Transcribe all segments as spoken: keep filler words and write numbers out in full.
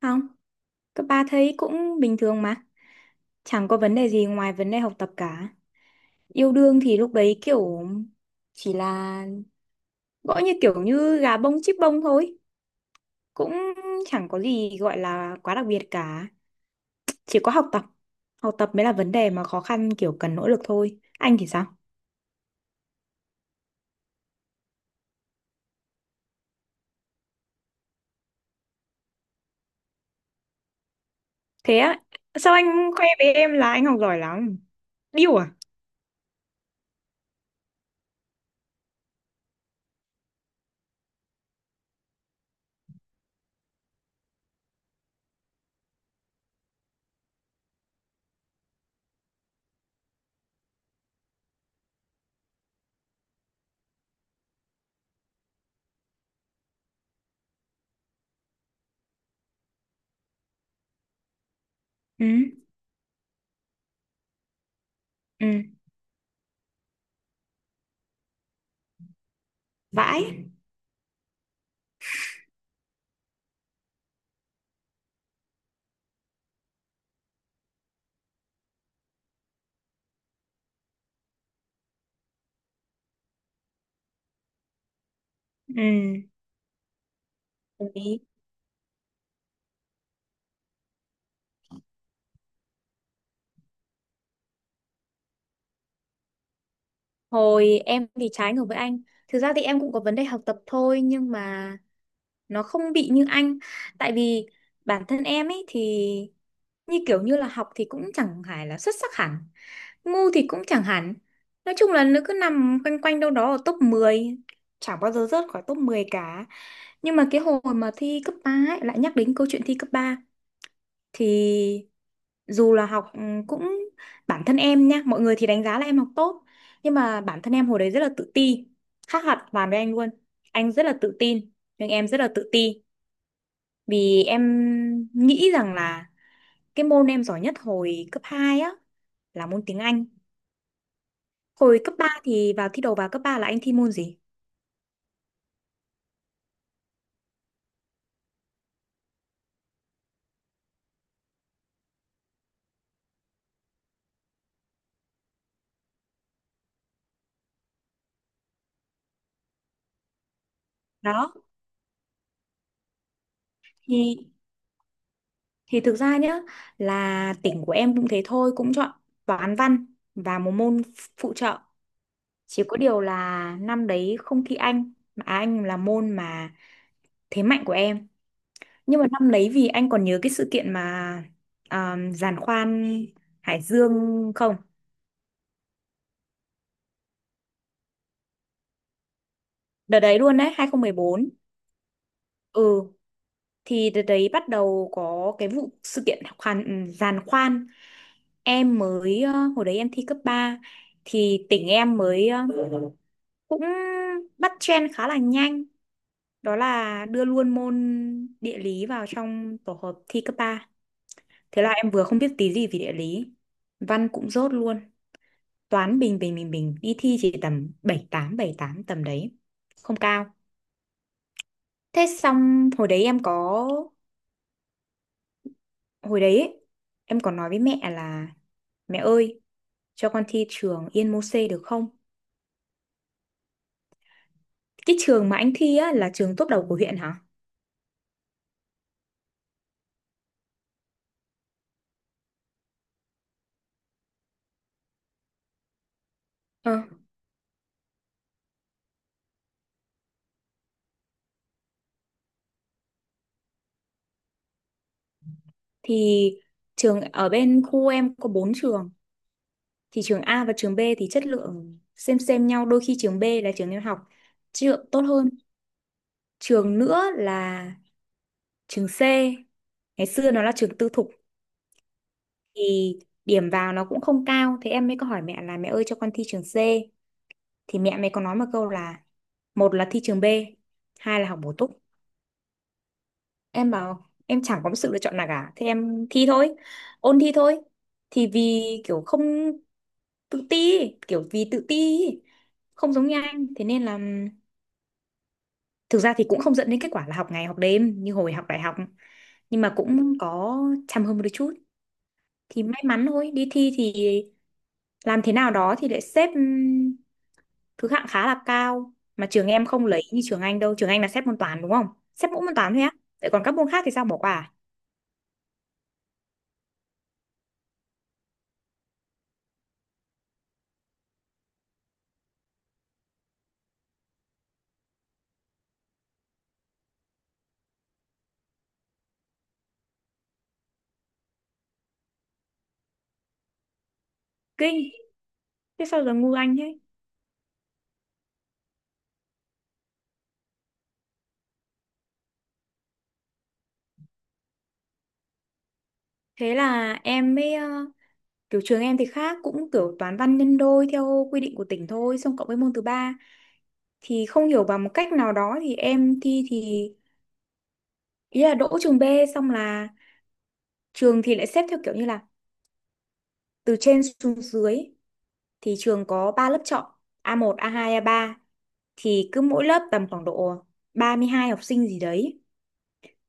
Không, cấp ba thấy cũng bình thường mà. Chẳng có vấn đề gì ngoài vấn đề học tập cả. Yêu đương thì lúc đấy kiểu chỉ là gõ như kiểu như gà bông chích bông thôi. Cũng chẳng có gì gọi là quá đặc biệt cả. Chỉ có học tập. Học tập mới là vấn đề mà khó khăn kiểu cần nỗ lực thôi. Anh thì sao? Thế á, sao anh khoe với em là anh học giỏi lắm? Điêu à? Ừ, ừ, vãi. Ừ, hồi em thì trái ngược với anh. Thực ra thì em cũng có vấn đề học tập thôi nhưng mà nó không bị như anh. Tại vì bản thân em ấy thì như kiểu như là học thì cũng chẳng phải là xuất sắc hẳn. Ngu thì cũng chẳng hẳn. Nói chung là nó cứ nằm quanh quanh đâu đó ở top mười, Chẳng bao giờ rớt khỏi top mười cả. Nhưng mà cái hồi mà thi cấp ba ấy, lại nhắc đến câu chuyện thi cấp ba thì dù là học ừ, cũng bản thân em nha mọi người thì đánh giá là em học tốt nhưng mà bản thân em hồi đấy rất là tự ti khác hoàn toàn với anh luôn anh rất là tự tin nhưng em rất là tự ti vì em nghĩ rằng là cái môn em giỏi nhất hồi cấp hai á là môn tiếng Anh. Hồi cấp ba thì vào thi đầu vào cấp ba là anh thi môn gì đó thì thì thực ra nhá là tỉnh của em cũng thế thôi cũng chọn toán văn và một môn phụ trợ. Chỉ có điều là năm đấy không thi Anh, mà à, Anh là môn mà thế mạnh của em. Nhưng mà năm đấy vì anh còn nhớ cái sự kiện mà um, giàn khoan Hải Dương không? Đợt đấy luôn đấy, hai không một bốn. Ừ, thì đợt đấy bắt đầu có cái vụ sự kiện khoan, ừ, giàn khoan. Em mới, ờ, hồi đấy em thi cấp ba thì tỉnh em mới ờ, cũng bắt trend khá là nhanh. Đó là đưa luôn môn địa lý vào trong tổ hợp thi cấp ba. Thế là em vừa không biết tí gì về địa lý. Văn cũng dốt luôn. Toán bình bình bình bình. Đi thi chỉ tầm bảy tám bảy tám tầm đấy. Không cao. Thế xong hồi đấy em có... Hồi đấy ấy, em còn nói với mẹ là: Mẹ ơi, cho con thi trường Yên Mô-xê được không? Cái trường mà anh thi á là trường top đầu của huyện hả? Ờ. Thì trường ở bên khu em có bốn trường. Thì trường A và trường B thì chất lượng xem xem nhau. Đôi khi trường B là trường em học chất lượng tốt hơn. Trường nữa là trường C, ngày xưa nó là trường tư thục, thì điểm vào nó cũng không cao, thế em mới có hỏi mẹ là mẹ ơi cho con thi trường C. Thì mẹ mày có nói một câu là: một là thi trường B, hai là học bổ túc. Em bảo em chẳng có một sự lựa chọn nào cả, thế em thi thôi, ôn thi thôi. Thì vì kiểu không tự ti, kiểu vì tự ti ý, không giống như anh, thế nên là thực ra thì cũng không dẫn đến kết quả là học ngày học đêm như hồi học đại học nhưng mà cũng có chăm hơn một đôi chút. Thì may mắn thôi, đi thi thì làm thế nào đó thì lại xếp ừm, thứ hạng khá là cao mà trường em không lấy như trường anh đâu, trường anh là xếp môn toán đúng không, xếp mỗi môn toán thôi á, vậy còn các môn khác thì sao bỏ qua à? Kinh. Thế sao giờ ngu anh thế. Thế là em mới ờ, kiểu trường em thì khác, cũng kiểu toán văn nhân đôi theo quy định của tỉnh thôi xong cộng với môn thứ ba. Thì không hiểu bằng một cách nào đó thì em thi thì ý là đỗ trường B. Xong là trường thì lại xếp theo kiểu như là từ trên xuống dưới, thì trường có ba lớp chọn a một, a hai, a ba, thì cứ mỗi lớp tầm khoảng độ ba mươi hai học sinh gì đấy,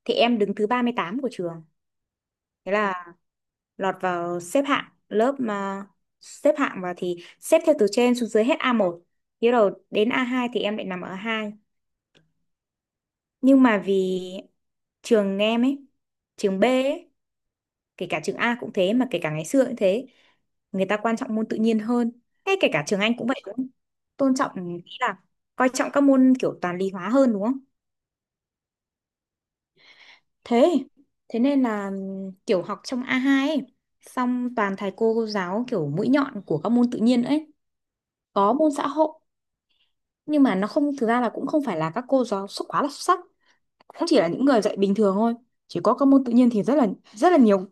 thì em đứng thứ ba mươi tám của trường, thế là lọt vào xếp hạng lớp. Mà xếp hạng vào thì xếp theo từ trên xuống dưới, hết a một thế rồi đến a hai, thì em lại nằm ở a hai. Nhưng mà vì trường em ấy, trường B ấy, kể cả trường A cũng thế, mà kể cả ngày xưa cũng thế, người ta quan trọng môn tự nhiên hơn, hay kể cả trường Anh cũng vậy, cũng tôn trọng, ý là coi trọng các môn kiểu toán lý hóa hơn đúng không. Thế thế nên là kiểu học trong a hai ấy xong toàn thầy cô, cô giáo kiểu mũi nhọn của các môn tự nhiên ấy. Có môn xã hội nhưng mà nó không, thực ra là cũng không phải là các cô giáo xuất quá là xuất sắc, cũng chỉ là những người dạy bình thường thôi. Chỉ có các môn tự nhiên thì rất là rất là nhiều,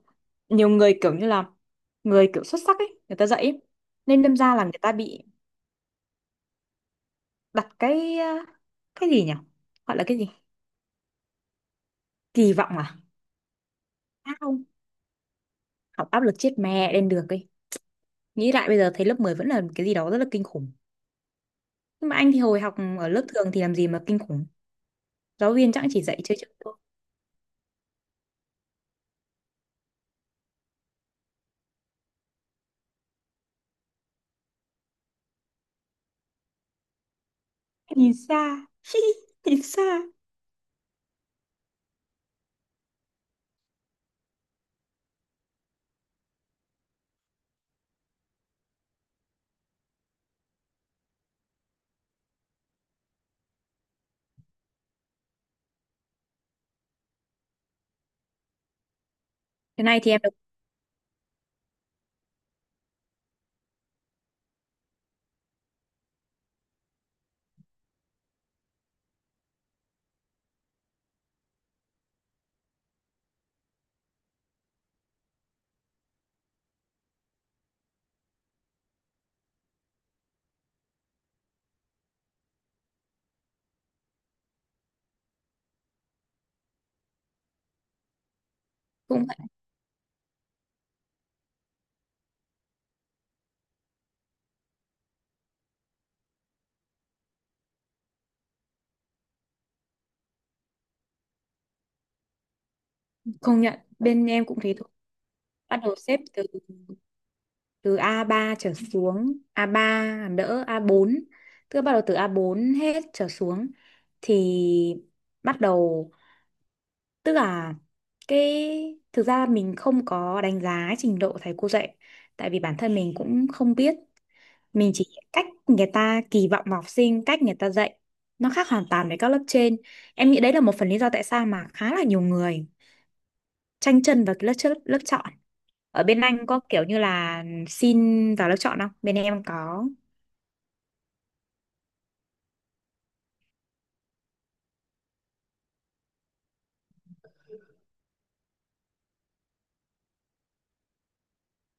nhiều người kiểu như là người kiểu xuất sắc ấy người ta dạy ấy. Nên đâm ra là người ta bị đặt cái ờ, cái gì nhỉ, gọi là cái gì, kỳ vọng à. À không, học áp lực chết mẹ lên được ấy. Nghĩ lại bây giờ thấy lớp mười vẫn là cái gì đó rất là kinh khủng, nhưng mà anh thì hồi học ở lớp thường thì làm gì mà kinh khủng, giáo viên chẳng chỉ dạy chơi chơi thôi. Nhìn xa nhìn xa. Cái này thì em được, cũng phải công nhận bên em cũng thế thôi. Bắt đầu xếp từ từ a ba trở xuống, a ba làm đỡ a bốn, tức là bắt đầu từ a bốn hết trở xuống thì bắt đầu, tức là cái, thực ra mình không có đánh giá trình độ thầy cô dạy tại vì bản thân mình cũng không biết, mình chỉ cách người ta kỳ vọng vào học sinh, cách người ta dạy nó khác hoàn toàn với các lớp trên. Em nghĩ đấy là một phần lý do tại sao mà khá là nhiều người tranh chân vào cái lớp trước lớp chọn. Ở bên anh có kiểu như là xin vào lớp chọn không, bên em có.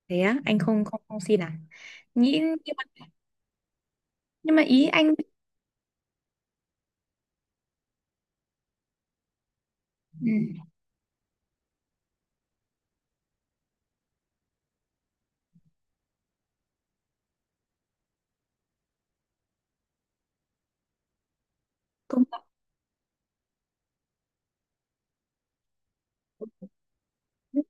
Thế á, anh không không không xin à? Nghĩ, nhưng mà, nhưng mà ý anh, ừ, công nhận.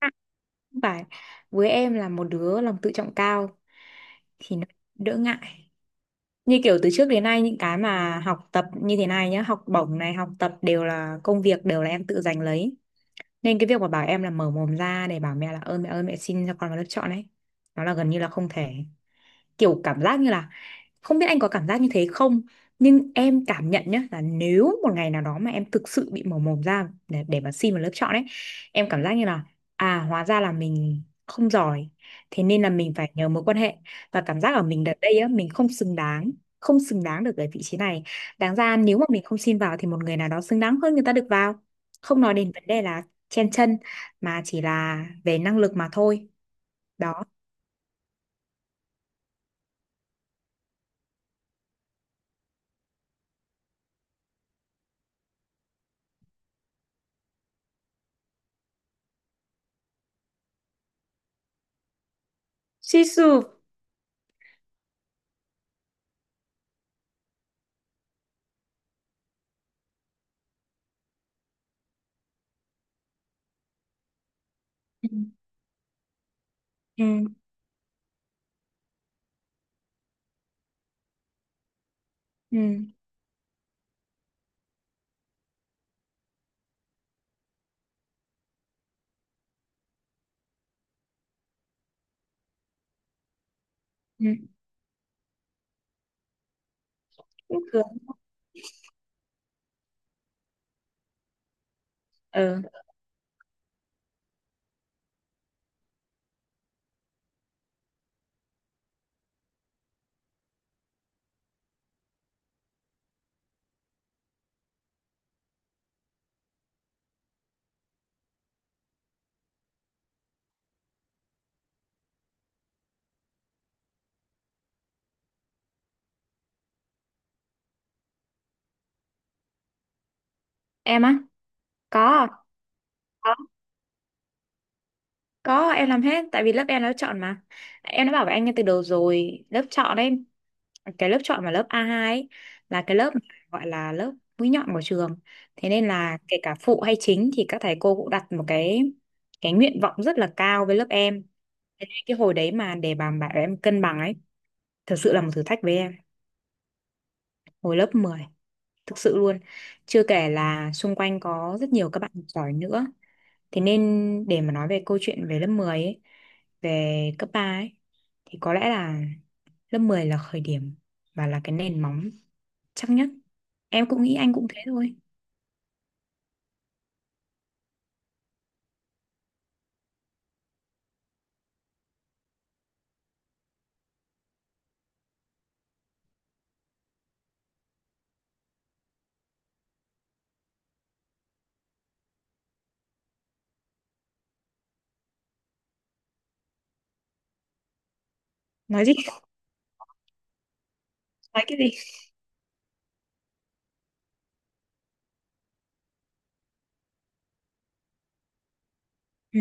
Không phải, với em là một đứa lòng tự trọng cao thì nó đỡ ngại, như kiểu từ trước đến nay những cái mà học tập như thế này nhá, học bổng này, học tập đều là công việc, đều là em tự giành lấy, nên cái việc mà bảo em là mở mồm ra để bảo mẹ là ơi mẹ ơi mẹ xin cho con vào lớp chọn ấy, nó là gần như là không thể. Kiểu cảm giác như là, không biết anh có cảm giác như thế không, nhưng em cảm nhận nhá, là nếu một ngày nào đó mà em thực sự bị mở mồm ra để, để mà xin vào lớp chọn ấy, em cảm giác như là à hóa ra là mình không giỏi, thế nên là mình phải nhờ mối quan hệ, và cảm giác ở mình đợt đây á mình không xứng đáng, không xứng đáng được ở vị trí này, đáng ra nếu mà mình không xin vào thì một người nào đó xứng đáng hơn người ta được vào. Không nói đến vấn đề là chen chân mà chỉ là về năng lực mà thôi. Đó. Suy sụp. Ừ, ừ, ừ, ừ. Cũng được. Ừ. Em á? có có có em làm hết tại vì lớp em nó chọn mà, em đã bảo với anh ngay từ đầu rồi lớp chọn đấy, cái lớp chọn mà lớp a hai ấy, là cái lớp gọi là lớp mũi nhọn của trường, thế nên là kể cả phụ hay chính thì các thầy cô cũng đặt một cái cái nguyện vọng rất là cao với lớp em. Thế nên cái hồi đấy mà để bà bảo em cân bằng ấy thật sự là một thử thách với em, hồi lớp mười thực sự luôn, chưa kể là xung quanh có rất nhiều các bạn giỏi nữa. Thế nên để mà nói về câu chuyện về lớp mười ấy, về cấp ba ấy, thì có lẽ là lớp mười là khởi điểm và là cái nền móng chắc nhất, em cũng nghĩ anh cũng thế thôi. Nói gì nói cái gì. Ừ.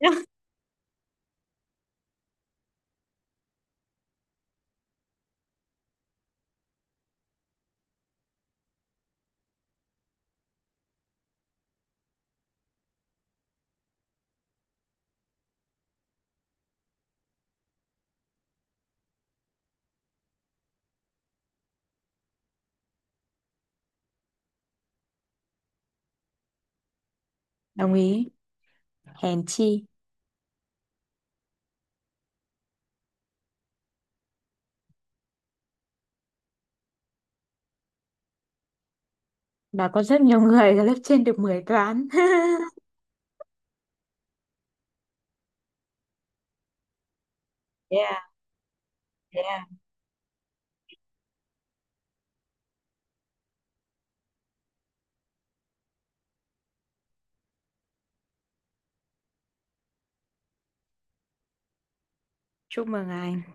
Đồng ý. Hèn chi là có rất nhiều người ở lớp trên được mười toán yeah yeah, chúc mừng anh.